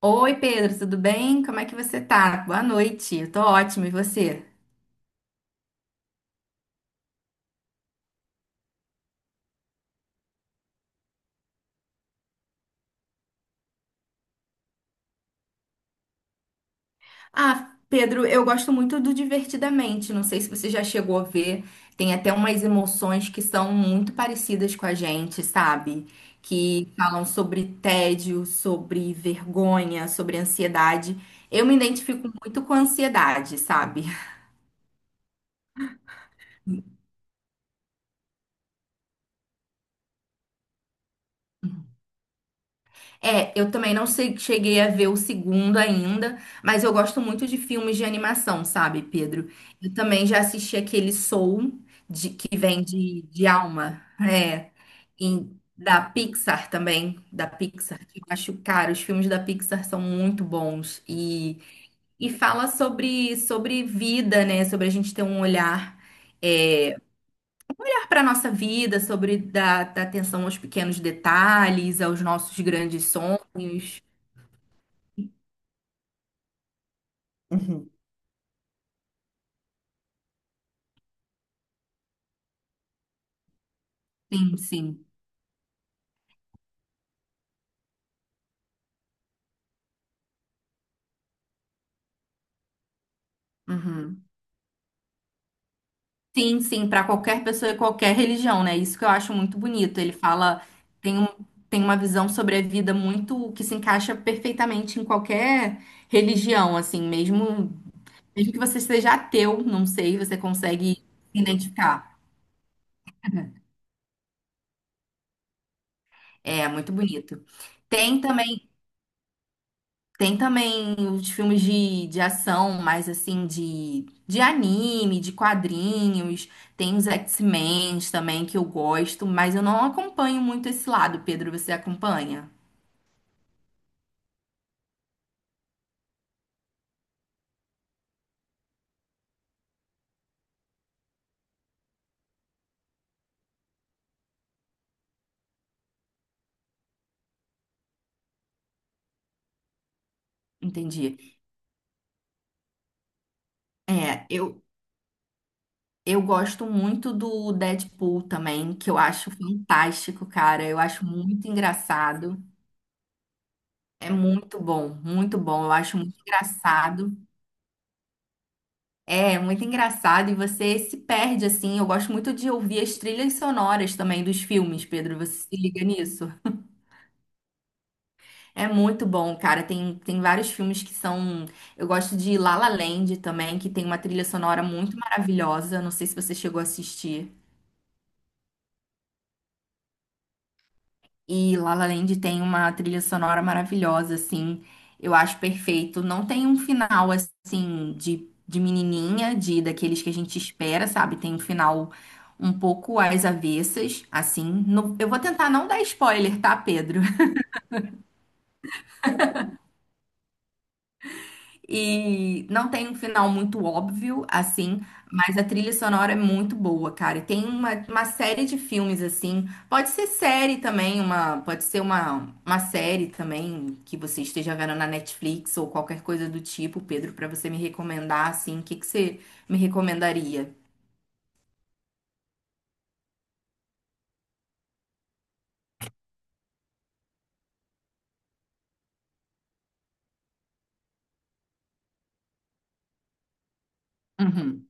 Oi, Pedro, tudo bem? Como é que você tá? Boa noite. Eu tô ótimo, e você? Ah, Pedro, eu gosto muito do Divertidamente. Não sei se você já chegou a ver. Tem até umas emoções que são muito parecidas com a gente, sabe? Que falam sobre tédio, sobre vergonha, sobre ansiedade. Eu me identifico muito com ansiedade, sabe? É, eu também não sei- cheguei a ver o segundo ainda, mas eu gosto muito de filmes de animação, sabe, Pedro? Eu também já assisti aquele Soul, que vem de alma, é, da Pixar também, da Pixar, que eu acho, cara, os filmes da Pixar são muito bons e fala sobre vida, né? Sobre a gente ter um olhar. É, para nossa vida, sobre dar atenção aos pequenos detalhes, aos nossos grandes sonhos. Uhum. Sim, sim. Uhum. Sim, sim, para qualquer pessoa e qualquer religião, né? Isso que eu acho muito bonito. Ele fala, tem um, tem uma visão sobre a vida muito que se encaixa perfeitamente em qualquer religião, assim, mesmo, mesmo que você seja ateu, não sei, você consegue se identificar. É muito bonito. Tem também Tem também os filmes de ação, mais assim, de anime, de quadrinhos. Tem os X-Men também, que eu gosto, mas eu não acompanho muito esse lado, Pedro. Você acompanha? Entendi. É, eu gosto muito do Deadpool também, que eu acho fantástico, cara. Eu acho muito engraçado. É muito bom, muito bom. Eu acho muito engraçado. É muito engraçado e você se perde assim. Eu gosto muito de ouvir as trilhas sonoras também dos filmes, Pedro. Você se liga nisso? É muito bom, cara. Tem vários filmes que são. Eu gosto de La La Land também, que tem uma trilha sonora muito maravilhosa. Não sei se você chegou a assistir. E La La Land tem uma trilha sonora maravilhosa, assim. Eu acho perfeito. Não tem um final, assim, de menininha, de daqueles que a gente espera, sabe? Tem um final um pouco às avessas, assim. Eu vou tentar não dar spoiler, tá, Pedro? E não tem um final muito óbvio, assim, mas a trilha sonora é muito boa, cara. E tem uma série de filmes, assim. Pode ser série também, pode ser uma série também que você esteja vendo na Netflix ou qualquer coisa do tipo, Pedro, pra você me recomendar, assim. O que que você me recomendaria? Uhum.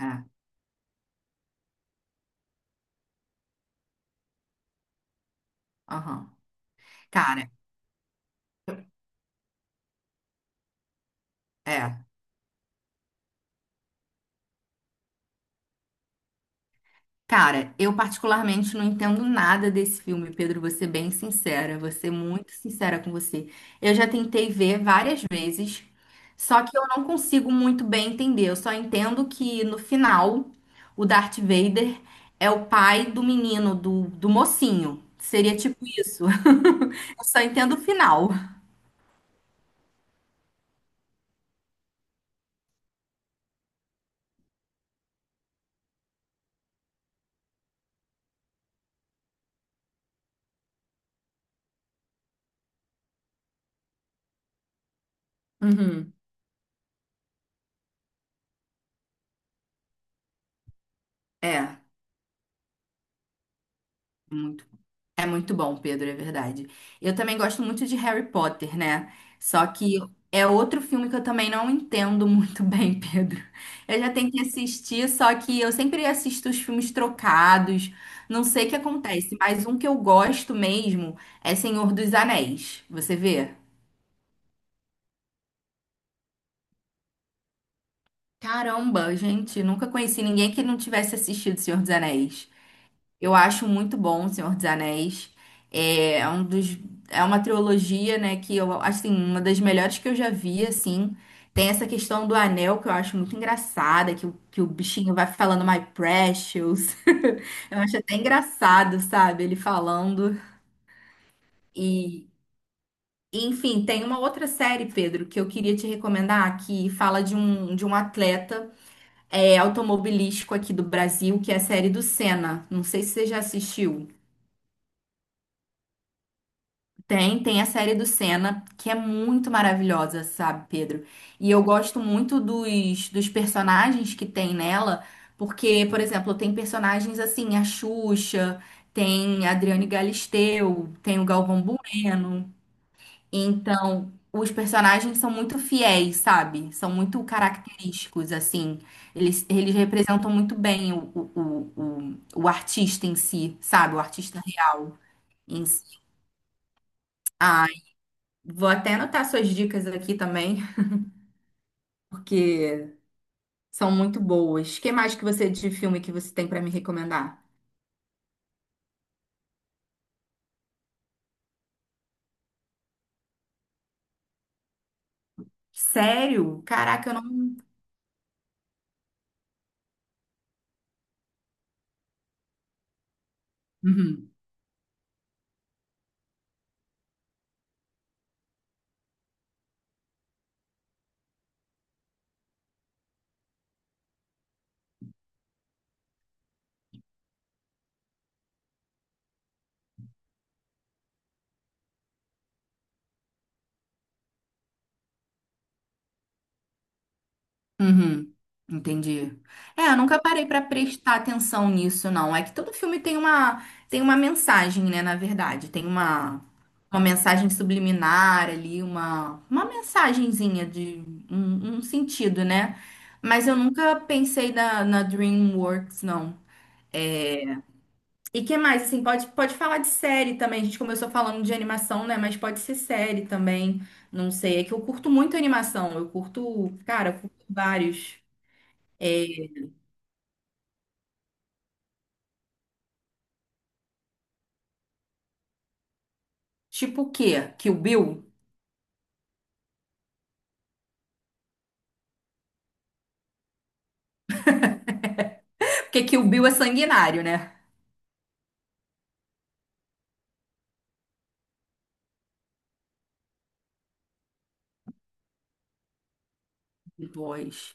É, aham. Cara, é. Cara, eu particularmente não entendo nada desse filme, Pedro, vou ser bem sincera, vou ser muito sincera com você. Eu já tentei ver várias vezes, só que eu não consigo muito bem entender. Eu só entendo que no final o Darth Vader é o pai do menino, do mocinho. Seria tipo isso. Eu só entendo o final. Uhum. É. É muito bom, Pedro, é verdade. Eu também gosto muito de Harry Potter, né? Só que é outro filme que eu também não entendo muito bem, Pedro. Eu já tenho que assistir, só que eu sempre assisto os filmes trocados. Não sei o que acontece, mas um que eu gosto mesmo é Senhor dos Anéis. Você vê? Caramba, gente, nunca conheci ninguém que não tivesse assistido Senhor dos Anéis. Eu acho muito bom O Senhor dos Anéis. É, é uma trilogia, né, que eu acho assim, uma das melhores que eu já vi, assim. Tem essa questão do anel que eu acho muito engraçada, que o bichinho vai falando My Precious. Eu acho até engraçado, sabe? Ele falando. E, enfim, tem uma outra série, Pedro, que eu queria te recomendar, que fala de um atleta é, automobilístico aqui do Brasil, que é a série do Senna. Não sei se você já assistiu. Tem a série do Senna, que é muito maravilhosa, sabe, Pedro? E eu gosto muito dos personagens que tem nela, porque, por exemplo, tem personagens assim, a Xuxa, tem a Adriane Galisteu, tem o Galvão Bueno. Então, os personagens são muito fiéis, sabe? São muito característicos, assim. Eles representam muito bem o artista em si, sabe? O artista real em si. A Vou até anotar suas dicas aqui também, porque são muito boas. Que mais que você de filme que você tem pra me recomendar? Sério? Caraca, eu não. Uhum, uhum, entendi. É, eu nunca parei pra prestar atenção nisso, não. É que todo filme tem uma mensagem, né? Na verdade, tem uma mensagem subliminar ali, uma mensagenzinha de um sentido, né? Mas eu nunca pensei na DreamWorks, não. E que mais, assim, pode falar de série também. A gente começou falando de animação, né? Mas pode ser série também. Não sei. É que eu curto muito animação. Eu curto, cara, eu curto vários. É, tipo o quê? Kill Bill? Porque Kill Bill é sanguinário, né? Depois.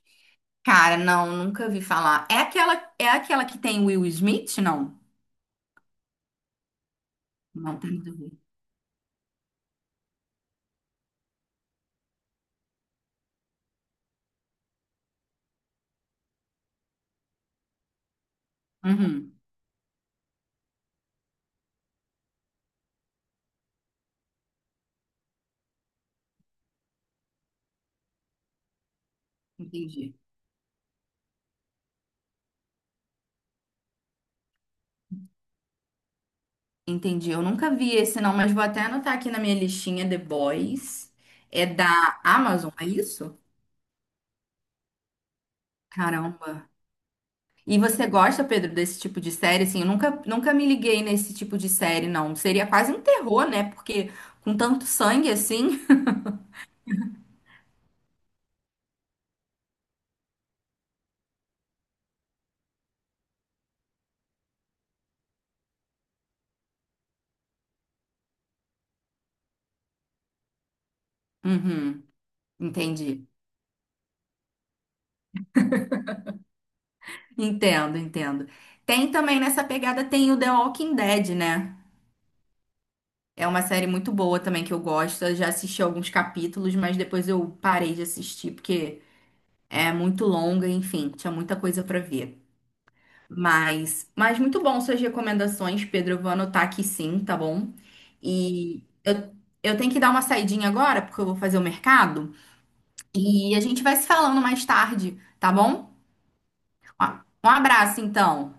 Cara, não, nunca vi falar. É aquela que tem Will Smith? Não. Não, tem nada a ver. Uhum, entendi. Entendi. Eu nunca vi esse, não, mas vou até anotar aqui na minha listinha The Boys. É da Amazon, é isso? Caramba. E você gosta, Pedro, desse tipo de série? Assim, eu nunca me liguei nesse tipo de série, não. Seria quase um terror, né? Porque com tanto sangue assim. Uhum, entendi. Entendo, entendo. Tem também nessa pegada, tem o The Walking Dead, né? É uma série muito boa também que eu gosto. Eu já assisti alguns capítulos, mas depois eu parei de assistir porque é muito longa, enfim, tinha muita coisa pra ver. Mas muito bom suas recomendações, Pedro. Eu vou anotar aqui sim, tá bom? E eu, eu tenho que dar uma saidinha agora, porque eu vou fazer o mercado. E a gente vai se falando mais tarde, tá bom? Ó, um abraço, então.